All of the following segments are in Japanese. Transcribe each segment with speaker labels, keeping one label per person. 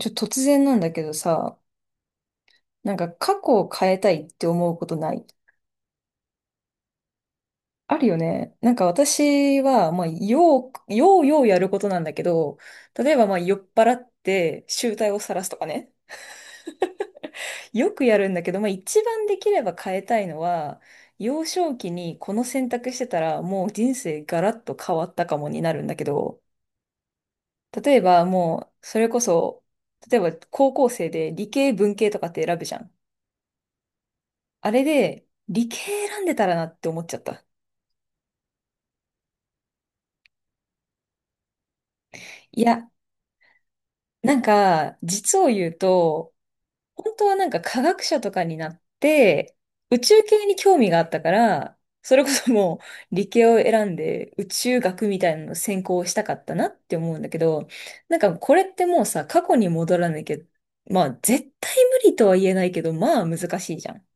Speaker 1: 突然なんだけどさ、なんか過去を変えたいって思うことない？あるよね。なんか私は、まあ、ようやることなんだけど、例えばまあ、酔っ払って醜態を晒すとかね。よくやるんだけど、まあ、一番できれば変えたいのは、幼少期にこの選択してたら、もう人生ガラッと変わったかもになるんだけど、例えばもう、それこそ、例えば高校生で理系文系とかって選ぶじゃん。あれで、理系選んでたらなって思っちゃった。いや、なんか、実を言うと、本当はなんか科学者とかになって、宇宙系に興味があったから、それこそもう理系を選んで宇宙学みたいなの専攻をしたかったなって思うんだけど、なんかこれってもうさ、過去に戻らなきゃ、まあ絶対無理とは言えないけど、まあ難しいじゃん。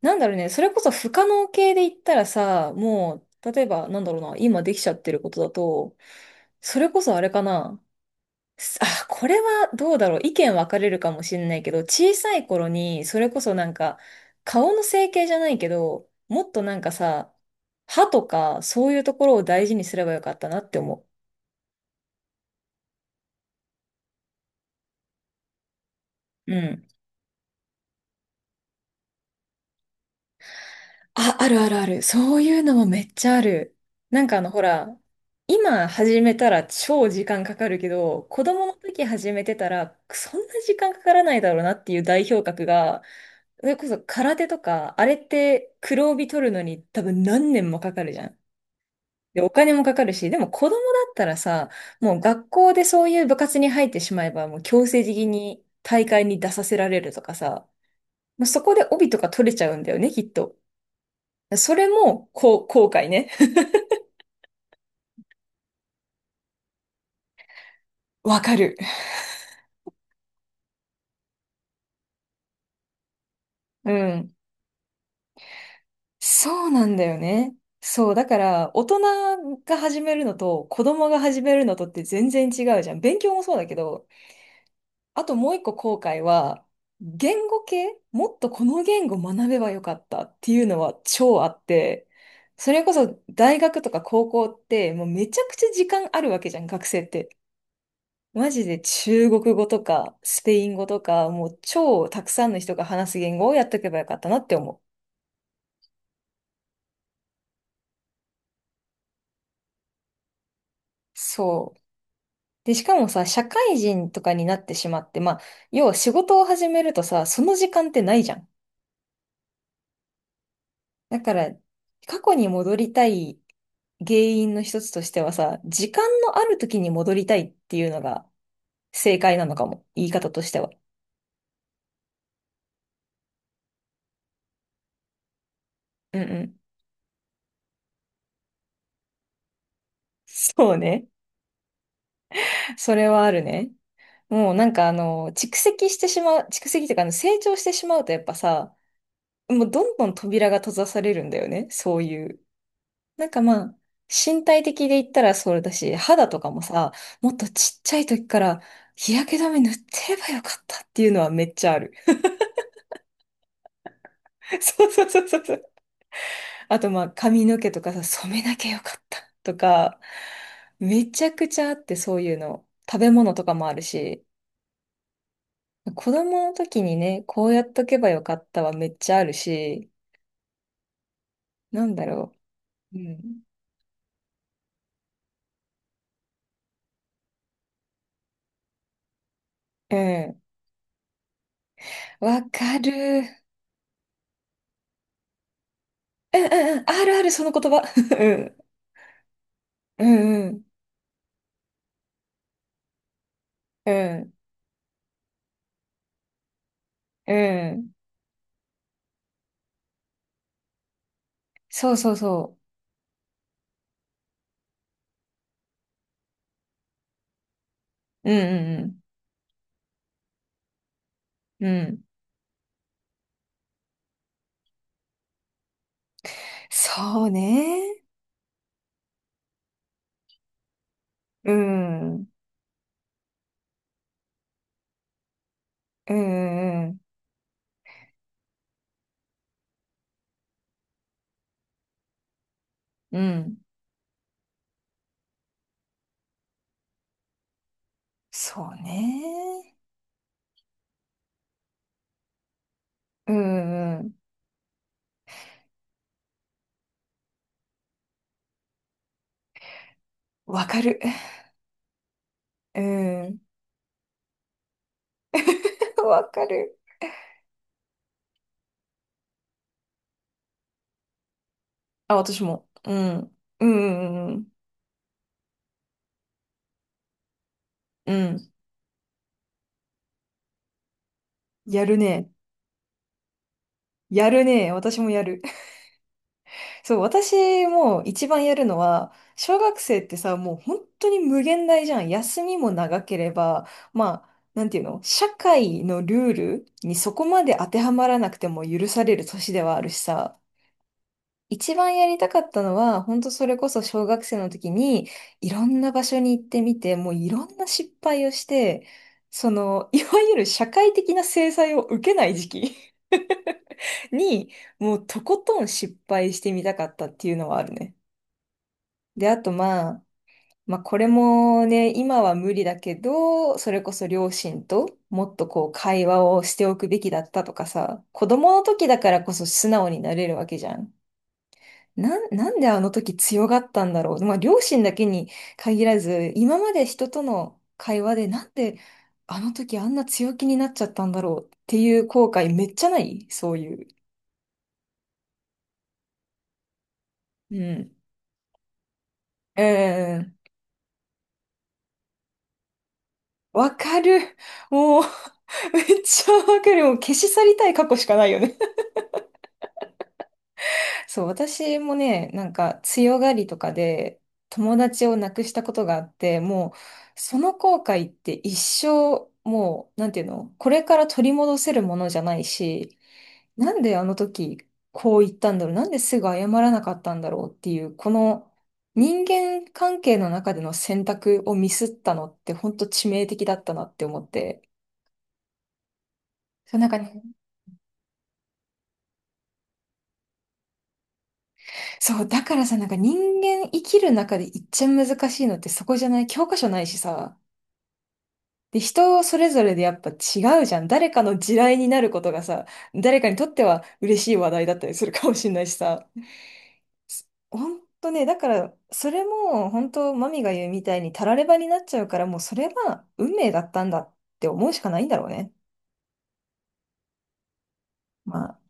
Speaker 1: なんだろうね、それこそ不可能系で言ったらさ、もう、例えば、なんだろうな、今できちゃってることだと、それこそあれかな。これはどうだろう。意見分かれるかもしれないけど、小さい頃に、それこそなんか、顔の整形じゃないけど、もっとなんかさ、歯とか、そういうところを大事にすればよかったなって思う。うん。あ、あるあるある。そういうのもめっちゃある。なんかあの、ほら、今始めたら超時間かかるけど、子供の時始めてたら、そんな時間かからないだろうなっていう代表格が、それこそ空手とか、あれって黒帯取るのに多分何年もかかるじゃん。で、お金もかかるし、でも子供だったらさ、もう学校でそういう部活に入ってしまえば、もう強制的に大会に出させられるとかさ、もうそこで帯とか取れちゃうんだよね、きっと。それも、こう、後悔ね。わかる。うん。そうなんだよね。そう。だから、大人が始めるのと、子供が始めるのとって全然違うじゃん。勉強もそうだけど、あともう一個後悔は、言語系もっとこの言語学べばよかったっていうのは超あって、それこそ大学とか高校ってもうめちゃくちゃ時間あるわけじゃん、学生って。マジで中国語とかスペイン語とか、もう超たくさんの人が話す言語をやっとけばよかったなって思う。そう。で、しかもさ、社会人とかになってしまって、まあ、要は仕事を始めるとさ、その時間ってないじゃん。だから、過去に戻りたい原因の一つとしてはさ、時間のある時に戻りたいっていうのが正解なのかも。言い方としては。うんうん。そうね。それはあるね。もうなんかあの、蓄積してしまう、蓄積というかあの成長してしまうとやっぱさ、もうどんどん扉が閉ざされるんだよね、そういう。なんかまあ、身体的で言ったらそうだし、肌とかもさ、もっとちっちゃい時から日焼け止め塗ってればよかったっていうのはめっちゃある。そうそうそうそうそう。あとまあ、髪の毛とかさ、染めなきゃよかったとか、めちゃくちゃあってそういうの。食べ物とかもあるし。子供の時にね、こうやっとけばよかったはめっちゃあるし、なんだろう。うん。うん。わかる。うんうんうん。あるある、その言葉。うん。うんうん。うん。うん。そうそうそう。うんうんうん。うん。そうね。うん。うんうんうん。うん。そうね。うんうん。わかる。うん。わかる。あ、私も。うん。うんうんうんうん。うん。やるね。やるね。私もやる。そう、私も一番やるのは、小学生ってさ、もう本当に無限大じゃん。休みも長ければ、まあ、なんていうの、社会のルールにそこまで当てはまらなくても許される年ではあるしさ、一番やりたかったのは、本当それこそ小学生の時に、いろんな場所に行ってみて、もういろんな失敗をして、その、いわゆる社会的な制裁を受けない時期に、もうとことん失敗してみたかったっていうのはあるね。で、あとまあ、まあこれもね、今は無理だけど、それこそ両親ともっとこう会話をしておくべきだったとかさ、子供の時だからこそ素直になれるわけじゃん。なんであの時強がったんだろう。まあ両親だけに限らず、今まで人との会話でなんであの時あんな強気になっちゃったんだろうっていう後悔めっちゃないそういう。うん。うんうんうんん。わかる。もう めっちゃわかる。もう消し去りたい過去しかないよね。そう、私もね、なんか強がりとかで友達を亡くしたことがあって、もうその後悔って一生、もう、なんていうの、これから取り戻せるものじゃないし、なんであの時こう言ったんだろう、なんですぐ謝らなかったんだろうっていう、この人間関係の中での選択をミスったのって本当致命的だったなって思って。そう、なんかね、そう、だからさ、なんか人間生きる中で一番難しいのってそこじゃない？教科書ないしさ。で、人それぞれでやっぱ違うじゃん。誰かの地雷になることがさ、誰かにとっては嬉しい話題だったりするかもしれないしさ。ほんとね、だから、それも本当マミが言うみたいにたらればになっちゃうから、もうそれは運命だったんだって思うしかないんだろうね。まあ、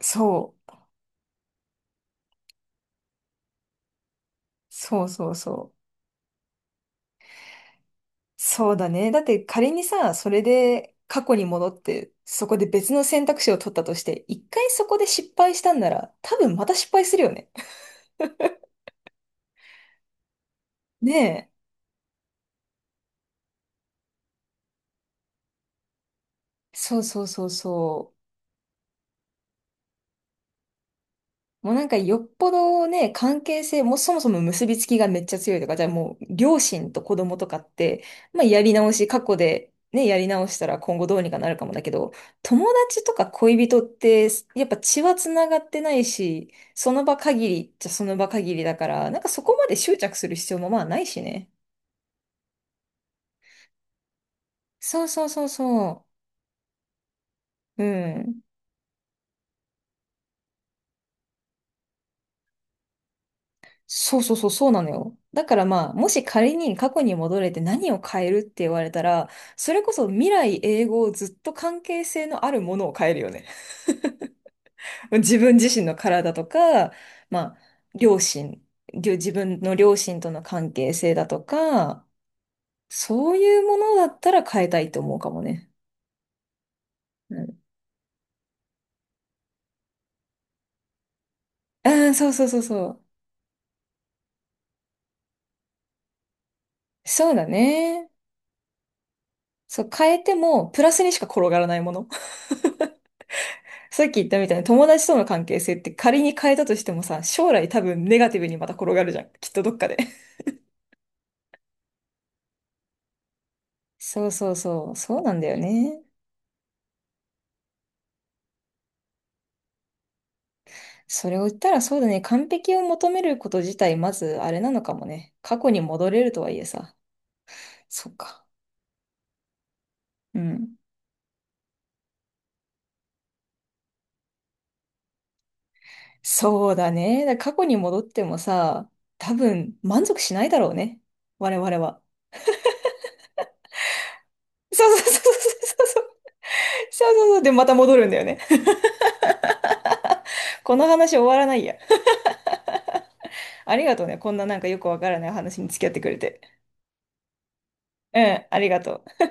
Speaker 1: そう、そうそうそう。そうだね。だって仮にさ、それで過去に戻って、そこで別の選択肢を取ったとして、一回そこで失敗したんなら、多分また失敗するよね。ねえ。そうそうそうそう。もうなんかよっぽどね、関係性もうそもそも結びつきがめっちゃ強いとか、じゃあもう両親と子供とかって、まあやり直し、過去でね、やり直したら今後どうにかなるかもだけど、友達とか恋人って、やっぱ血は繋がってないし、その場限りじゃその場限りだから、なんかそこまで執着する必要もまあないしね。そうそうそうそう。うん。そうそうそう、そうなのよ。だからまあ、もし仮に過去に戻れて何を変えるって言われたら、それこそ未来永劫ずっと関係性のあるものを変えるよね。自分自身の体とか、まあ、両親、りょ自分の両親との関係性だとか、そういうものだったら変えたいと思うかもね。うん。ああ、そうそうそうそう。そうだね。そう、変えてもプラスにしか転がらないもの。さっき言ったみたいに友達との関係性って仮に変えたとしてもさ、将来多分ネガティブにまた転がるじゃん。きっとどっかで。そうそうそう、そうなんだよね。それを言ったらそうだね、完璧を求めること自体まずあれなのかもね。過去に戻れるとはいえさ。そっか。うん。そうだね。だから過去に戻ってもさ、多分満足しないだろうね。我々は。そうそうそうそうそうそう。そうそうそう。で、また戻るんだよね。この話終わらないや。ありがとうね。こんななんかよくわからない話に付き合ってくれて。うん、ありがとう。